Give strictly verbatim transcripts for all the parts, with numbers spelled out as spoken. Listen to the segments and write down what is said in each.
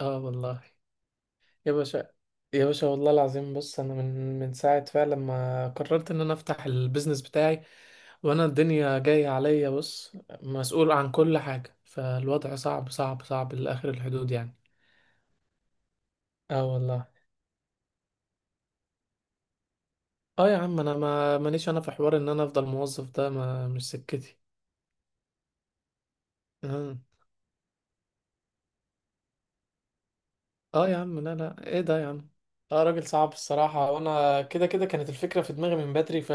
اه والله يا باشا. يا باشا والله العظيم، بص، انا من من ساعه فعلا ما قررت ان انا افتح البيزنس بتاعي وانا الدنيا جايه عليا. بص، مسؤول عن كل حاجه، فالوضع صعب صعب صعب لاخر الحدود يعني. اه والله. اه يا عم انا ما مانيش انا في حوار ان انا افضل موظف، ده ما مش سكتي. آه. اه يا عم، لا لا، ايه ده يا عم. اه راجل صعب الصراحة، وانا كده كده كانت الفكرة في دماغي من بدري ف...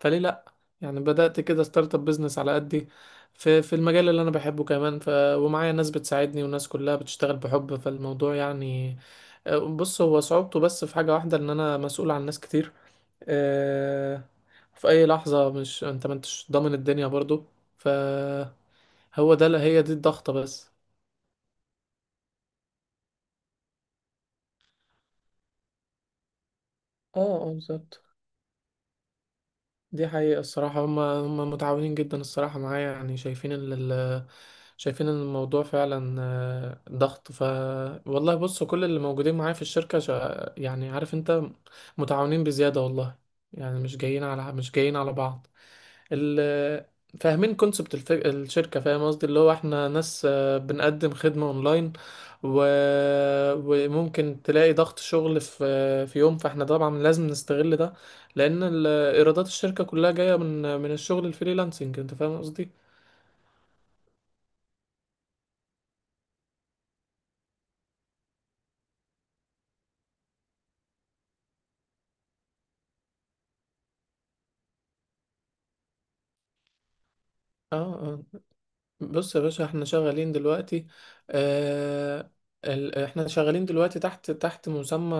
فليه لا؟ يعني بدأت كده ستارت اب بيزنس على قدي، في في المجال اللي انا بحبه كمان. ف... ومعايا ناس بتساعدني وناس كلها بتشتغل بحب فالموضوع يعني. آه، بص، هو صعوبته بس في حاجة واحدة، ان انا مسؤول عن ناس كتير. آه، في اي لحظة، مش انت ما انتش ضامن الدنيا برضو. فهو ده، هي دي الضغطة بس. اه اه بالظبط، دي حقيقة الصراحة. هم هم متعاونين جدا الصراحة معايا، يعني شايفين ال ال- شايفين إن الموضوع فعلا آه، ضغط. ف والله بص، كل اللي موجودين معايا في الشركة شا... يعني عارف انت، متعاونين بزيادة والله. يعني مش جايين على مش جايين على بعض. ال... فاهمين كونسبت الف... الشركة، فاهم قصدي، اللي هو احنا ناس آه، بنقدم خدمة اونلاين. و... وممكن تلاقي ضغط شغل في في يوم، فاحنا طبعا لازم نستغل ده، لان ال... ايرادات الشركة كلها جاية من من الشغل الفريلانسنج، انت فاهم قصدي. اه اه، بص يا باشا، احنا شغالين دلوقتي. آه ال... احنا شغالين دلوقتي تحت تحت مسمى،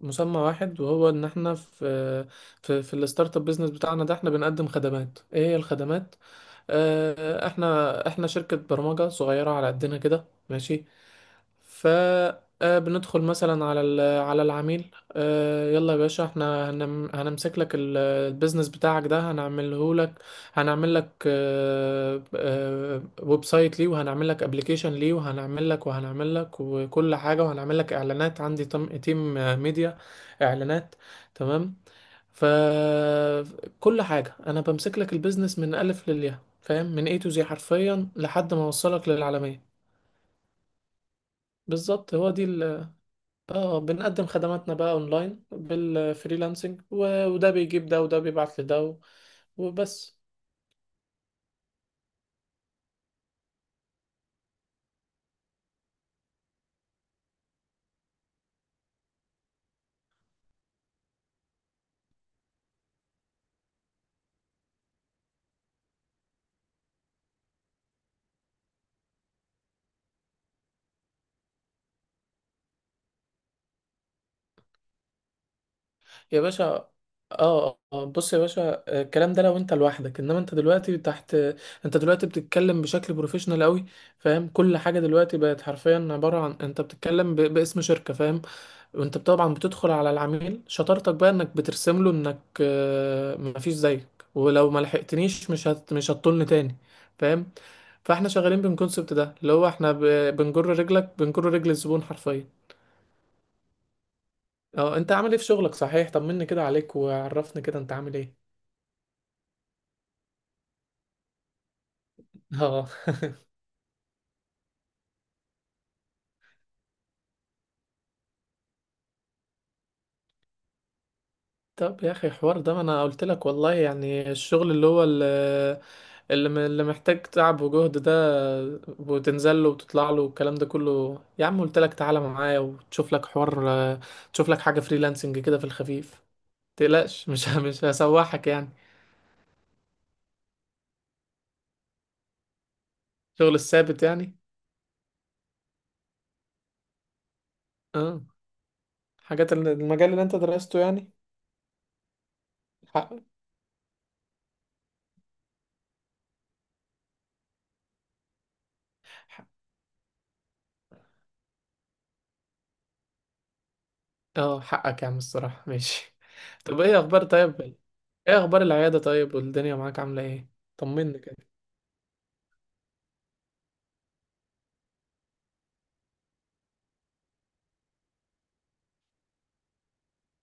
مسمى واحد، وهو ان احنا في في, في الستارت اب بيزنس بتاعنا ده. احنا بنقدم خدمات، ايه هي الخدمات؟ آه احنا احنا شركة برمجة صغيرة على قدنا كده. ماشي، فبندخل مثلا على ال- على العميل، آه، يلا يا باشا، احنا هنم- هنمسك لك ال- البيزنس بتاعك ده، هنعمله لك، هنعمل لك آه، آه، ويب سايت ليه، وهنعمل لك ابلكيشن ليه، وهنعمل لك وهنعمل لك وكل حاجة، وهنعمل لك اعلانات، عندي تم- تيم آه، ميديا، اعلانات. تمام، فكل حاجة انا بمسك لك البيزنس من الف للياء، فاهم، من اي تو زي حرفيا، لحد ما اوصلك للعالمية. بالظبط، هو دي. اه بنقدم خدماتنا بقى اونلاين بالفريلانسنج، و- وده بيجيب ده وده بيبعت لده و- وبس. يا باشا، اه آه، بص يا باشا، آه، الكلام ده لو انت لوحدك، انما انت دلوقتي تحت، انت دلوقتي بتتكلم بشكل بروفيشنال قوي، فاهم؟ كل حاجه دلوقتي بقت حرفيا عباره عن انت بتتكلم ب... باسم شركه، فاهم؟ وانت طبعا بتدخل على العميل، شطارتك بقى انك بترسم له انك آه، مفيش زيك، ولو ما لحقتنيش مش هت... مش هتطلني تاني، فاهم؟ فاحنا شغالين بالكونسبت ده، اللي هو احنا ب... بنجر رجلك بنجر رجل الزبون حرفيا. اه انت عامل ايه في شغلك صحيح؟ طمني كده عليك وعرفني كده انت عامل ايه. اه طب يا اخي حوار ده، ما انا قلت لك والله، يعني الشغل اللي هو ال- اللي م- اللي محتاج تعب وجهد ده، وتنزل له وتطلع له والكلام ده كله، يا عم قلت لك تعالى معايا وتشوف لك حوار، آه، تشوف لك حاجة فريلانسنج كده في الخفيف. متقلقش مش ه- مش هسوحك يعني. شغل الثابت يعني؟ اه، حاجات ال- المجال اللي انت درسته يعني. حق. اه حقك يا عم الصراحة، ماشي. طب ايه اخبار؟ طيب ايه اخبار العيادة؟ طيب والدنيا معاك عاملة ايه؟ طمني كده.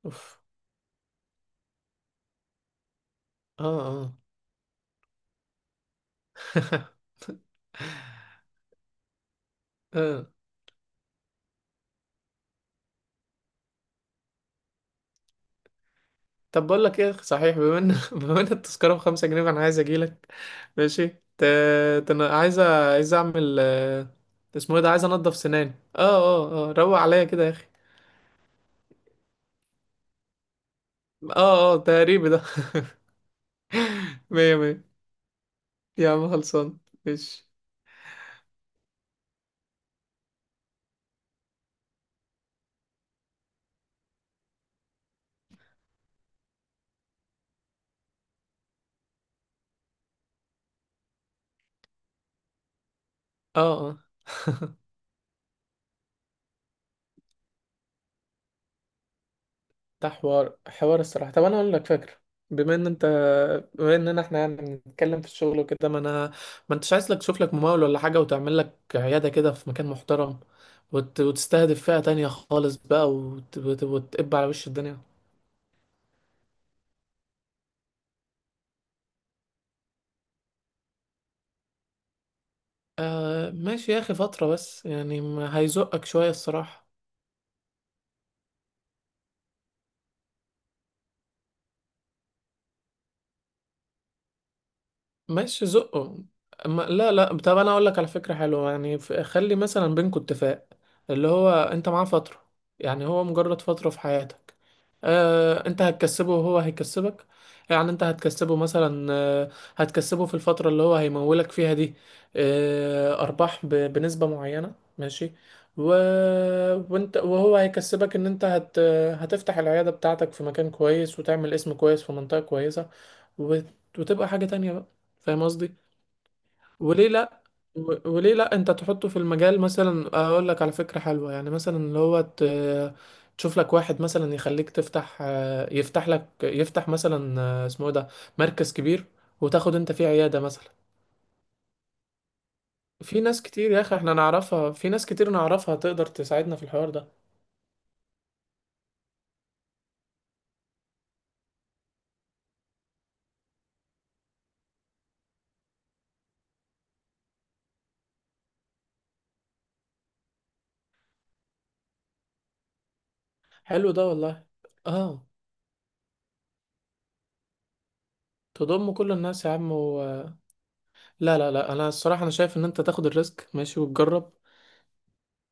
اوف. اه اه. اه طب بقول لك ايه صحيح، بما ان بما ان التذكرة بخمسة جنيه، فانا عايز اجيلك، ماشي، ت... تن... عايز أ- عايز اعمل، آه، اسمه ايه ده، عايز انضف سناني، اه اه اه، روق عليا كده يا اخي. اه اه، تقريبي ده. مية مية، يا عم خلصان، ماشي. اه اه، ده حوار حوار الصراحة. طب أنا أقول لك فكرة، بما إن أنت، بما إننا إحنا يعني بنتكلم في الشغل وكده، ما أنا، ما أنتش عايز لك تشوف لك ممول ولا حاجة، وتعمل لك عيادة كده في مكان محترم، وت... وتستهدف فئة تانية خالص بقى، وت... وت... وتقب على وش الدنيا. آه ماشي يا أخي، فترة بس يعني، ما هيزقك شوية الصراحة. ماشي، زقه. أما لا لا، طب انا اقول لك على فكره حلوه يعني، ف- خلي مثلا بينكوا اتفاق، اللي هو انت معاه فتره، يعني هو مجرد فتره في حياتك. آه، انت هتكسبه وهو هيكسبك. يعني انت هتكسبه مثلا، آه، هتكسبه في الفتره اللي هو هيمولك فيها دي، آه، ارباح ب- بنسبه معينه، ماشي. و... وانت وهو هيكسبك ان انت هت... هتفتح العياده بتاعتك في مكان كويس، وتعمل اسم كويس في منطقه كويسه، وت... وتبقى حاجه تانية بقى، فاهم قصدي؟ وليه لا؟ و- وليه لا انت تحطه في المجال؟ مثلا اقول لك على فكرة حلوة يعني، مثلا اللي هو ت- تشوف لك واحد مثلا يخليك تفتح، آه، يفتح لك يفتح مثلا، آه، اسمه إيه ده، مركز كبير، وتاخد انت فيه عيادة مثلا. في ناس كتير يا اخي احنا نعرفها، في ناس كتير نعرفها تقدر تساعدنا في الحوار ده. حلو ده والله. اه، تضم كل الناس يا عم و... لا لا لا، انا الصراحة انا شايف ان انت تاخد الريسك، ماشي، وتجرب.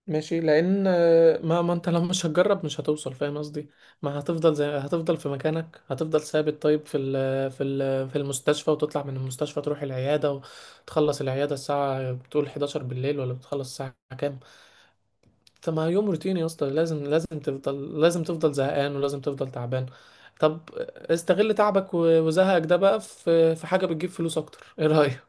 ماشي، لان آه، ما ما انت لو مش هتجرب مش هتوصل، فاهم قصدي؟ ما هتفضل زي، هتفضل في مكانك، هتفضل ثابت، طيب في ال في ال في المستشفى، وتطلع من المستشفى تروح العياده، وتخلص العياده الساعه بتقول حداشر بالليل، ولا بتخلص الساعه كام؟ طب ما يوم روتيني يا اسطى، لازم لازم تفضل، لازم تفضل زهقان، ولازم تفضل تعبان. طب استغل تعبك و- وزهقك ده بقى في في حاجه بتجيب فلوس اكتر، ايه رايك؟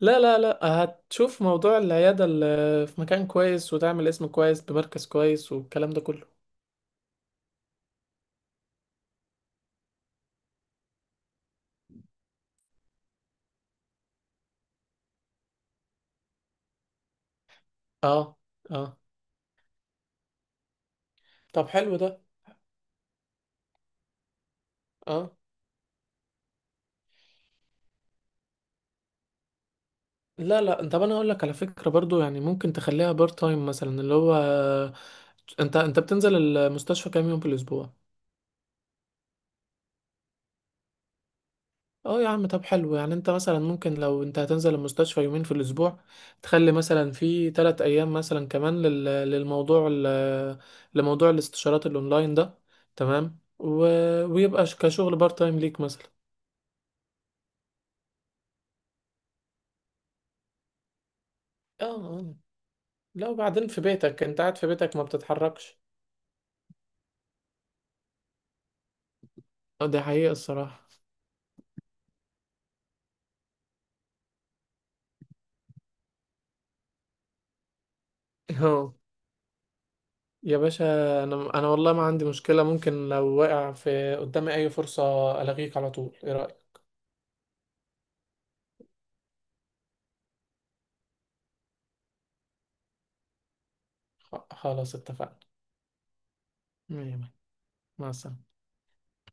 لا لا لا، هتشوف موضوع العيادة اللي في مكان كويس، وتعمل اسم كويس بمركز كويس، والكلام ده كله. اه اه، طب حلو ده. اه لا لا، طب انا اقول لك على فكرة برضو يعني، ممكن تخليها بار تايم مثلا، اللي هو انت انت بتنزل المستشفى كام يوم في الاسبوع؟ اه يا عم، طب حلو، يعني انت مثلا ممكن لو انت هتنزل المستشفى يومين في الاسبوع، تخلي مثلا في تلات ايام مثلا كمان لل... للموضوع ال... لموضوع الاستشارات الاونلاين ده، تمام. و... ويبقى ش- كشغل بار تايم ليك مثلا. اه آه. لا وبعدين في بيتك، انت قاعد في بيتك ما بتتحركش. اه دي حقيقة الصراحة. اه يا باشا، انا انا والله ما عندي مشكلة، ممكن لو واقع في قدامي اي فرصة الغيك على طول، ايه رأيك؟ خ- خلاص اتفقنا. مية مية. مع السلامة.